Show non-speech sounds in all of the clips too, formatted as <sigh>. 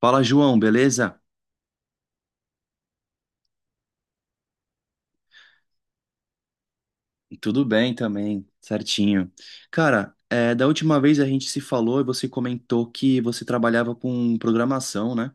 Fala, João, beleza? Tudo bem também, certinho. Cara, é, da última vez a gente se falou e você comentou que você trabalhava com programação, né?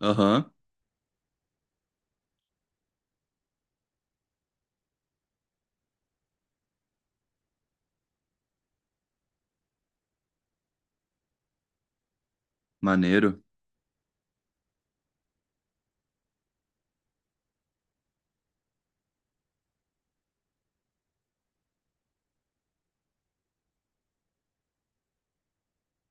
Aham, maneiro.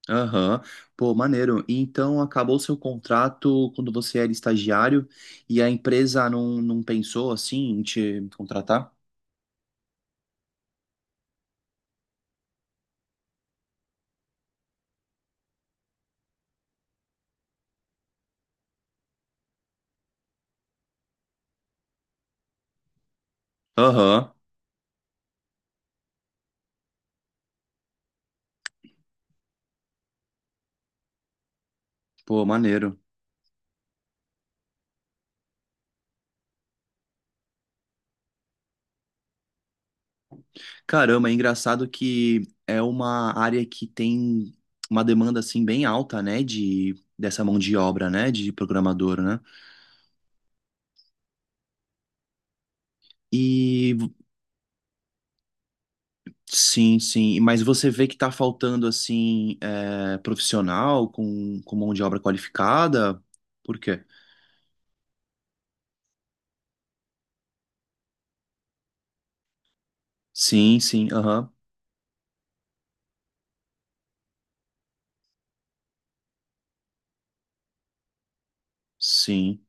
Aham, pô, maneiro. E então acabou o seu contrato quando você era estagiário e a empresa não pensou assim em te contratar? Aham, pô, maneiro. Caramba, é engraçado que é uma área que tem uma demanda assim bem alta, né, de dessa mão de obra, né, de programador, né? E sim, sim, mas você vê que tá faltando assim é, profissional com mão de obra qualificada? Por quê? Sim, sim, aham. Sim.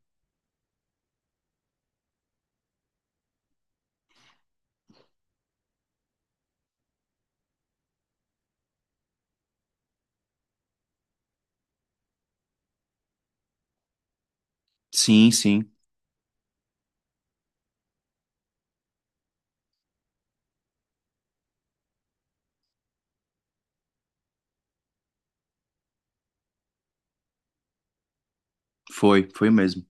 Sim, sim. Foi, foi mesmo.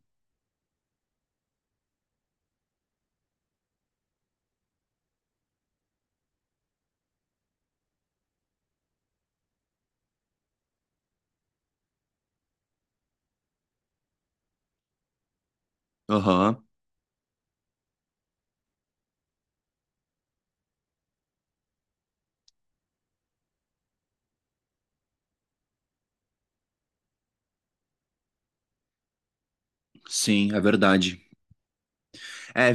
Aham. Sim, é verdade. É.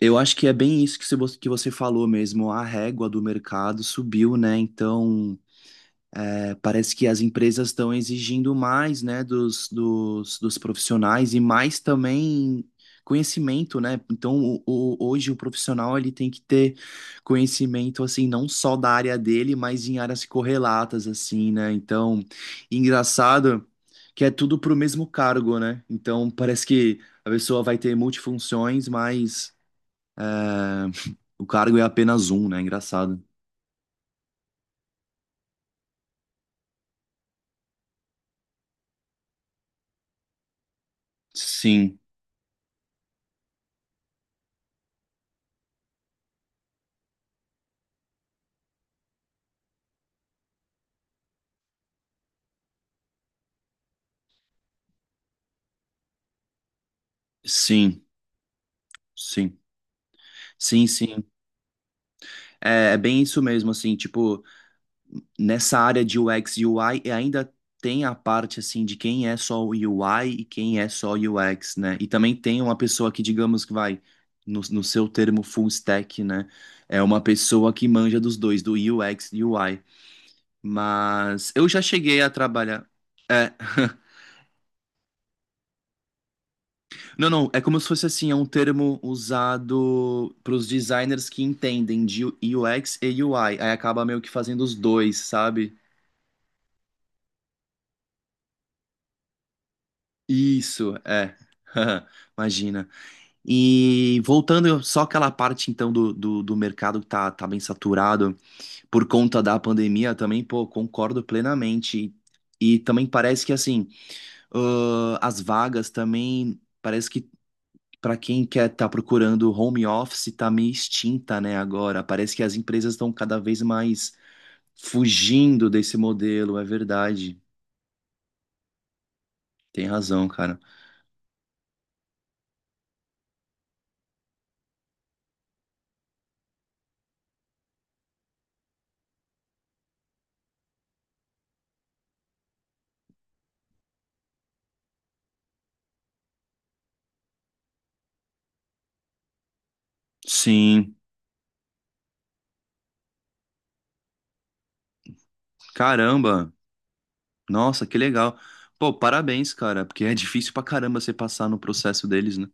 Eu acho que é bem isso que você falou mesmo. A régua do mercado subiu, né? Então, é, parece que as empresas estão exigindo mais, né, dos profissionais e mais também conhecimento, né? Então, hoje o profissional ele tem que ter conhecimento, assim, não só da área dele, mas em áreas correlatas, assim, né? Então, engraçado que é tudo pro mesmo cargo, né? Então, parece que a pessoa vai ter multifunções, mas. eh, o cargo é apenas um, né? Engraçado. Sim, sim, sim. Sim, sim. É, é bem isso mesmo, assim, tipo, nessa área de UX e UI e ainda tem a parte, assim, de quem é só o UI e quem é só o UX, né? E também tem uma pessoa que, digamos, que vai, no seu termo full stack, né? É uma pessoa que manja dos dois, do UX e UI. Mas eu já cheguei a trabalhar. É. <laughs> Não, não, é como se fosse assim, é um termo usado para os designers que entendem de UX e UI. Aí acaba meio que fazendo os dois, sabe? Isso, é. <laughs> Imagina. E voltando só aquela parte então do mercado que tá, tá bem saturado por conta da pandemia também, pô, concordo plenamente. E também parece que assim, as vagas também. Parece que, para quem quer estar procurando home office, tá meio extinta, né, agora. Parece que as empresas estão cada vez mais fugindo desse modelo, é verdade. Tem razão, cara. Sim. Caramba. Nossa, que legal. Pô, parabéns, cara, porque é difícil pra caramba você passar no processo deles, né?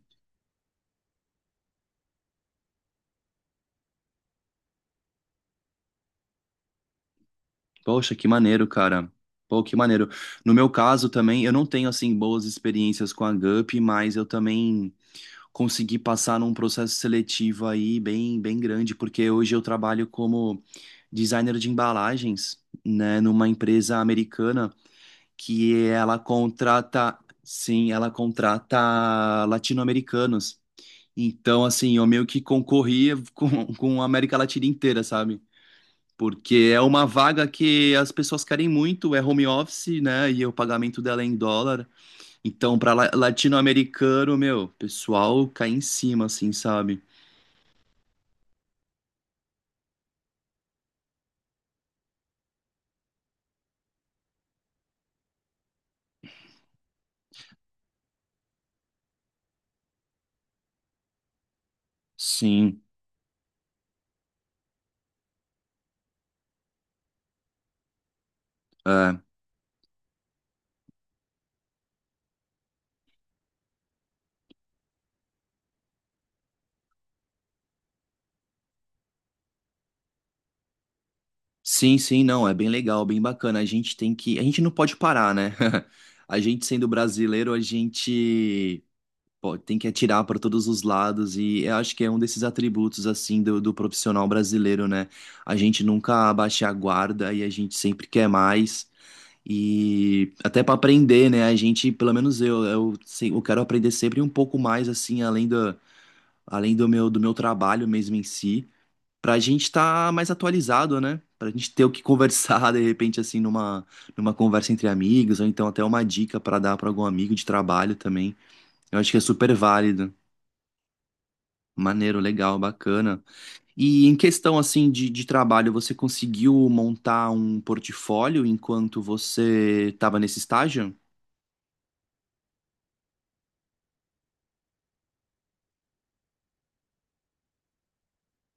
Poxa, que maneiro, cara. Pô, que maneiro. No meu caso também, eu não tenho assim boas experiências com a Gup, mas eu também conseguir passar num processo seletivo aí bem, bem grande, porque hoje eu trabalho como designer de embalagens, né, numa empresa americana que ela contrata, sim, ela contrata latino-americanos. Então, assim, eu meio que concorria <laughs> com a América Latina inteira, sabe? Porque é uma vaga que as pessoas querem muito, é home office, né? E o pagamento dela é em dólar. Então, para latino-americano, meu, o pessoal cai em cima, assim, sabe? Sim, é. Sim, sim, não, é bem legal, bem bacana. A gente tem que, a gente não pode parar, né? <laughs> A gente sendo brasileiro, a gente pô, tem que atirar para todos os lados e eu acho que é um desses atributos assim do, do profissional brasileiro, né? A gente nunca abaixa a guarda e a gente sempre quer mais. E até para aprender, né? A gente, pelo menos eu, eu quero aprender sempre um pouco mais assim, além do, além do meu trabalho mesmo em si. Pra gente estar mais atualizado, né? Pra gente ter o que conversar, <laughs> de repente, assim, numa, numa conversa entre amigos, ou então até uma dica pra dar pra algum amigo de trabalho também. Eu acho que é super válido. Maneiro, legal, bacana. E em questão, assim, de trabalho, você conseguiu montar um portfólio enquanto você estava nesse estágio?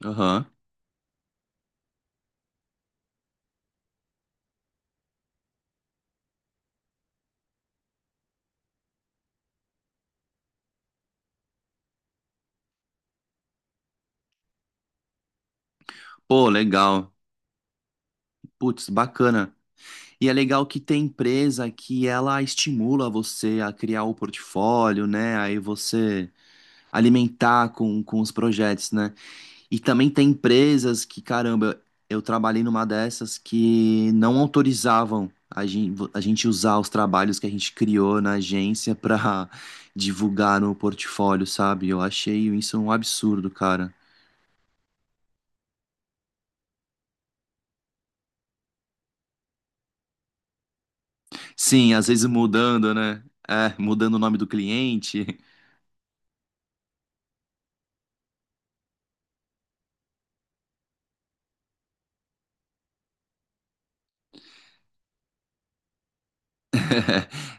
Aham. Pô, legal. Putz, bacana. E é legal que tem empresa que ela estimula você a criar o portfólio, né? Aí você alimentar com os projetos, né? E também tem empresas que, caramba, eu trabalhei numa dessas que não autorizavam a gente usar os trabalhos que a gente criou na agência <laughs> pra divulgar no portfólio, sabe? Eu achei isso um absurdo, cara. Sim, às vezes mudando, né? É, mudando o nome do cliente.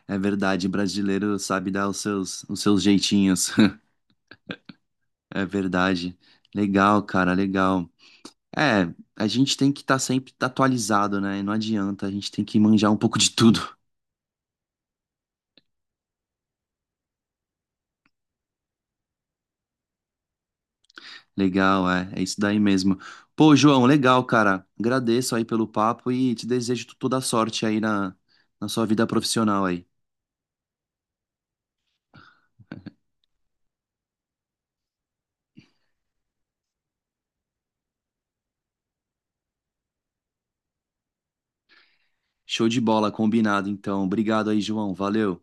É é verdade, brasileiro sabe dar os seus jeitinhos. <laughs> É verdade. Legal, cara, legal. É, a gente tem que estar sempre tá atualizado, né? Não adianta, a gente tem que manjar um pouco de tudo. <laughs> Legal, é, é isso daí mesmo. Pô, João, legal, cara. Agradeço aí pelo papo e te desejo toda a sorte aí na, na sua vida profissional aí. Show de bola, combinado, então. Obrigado aí, João. Valeu.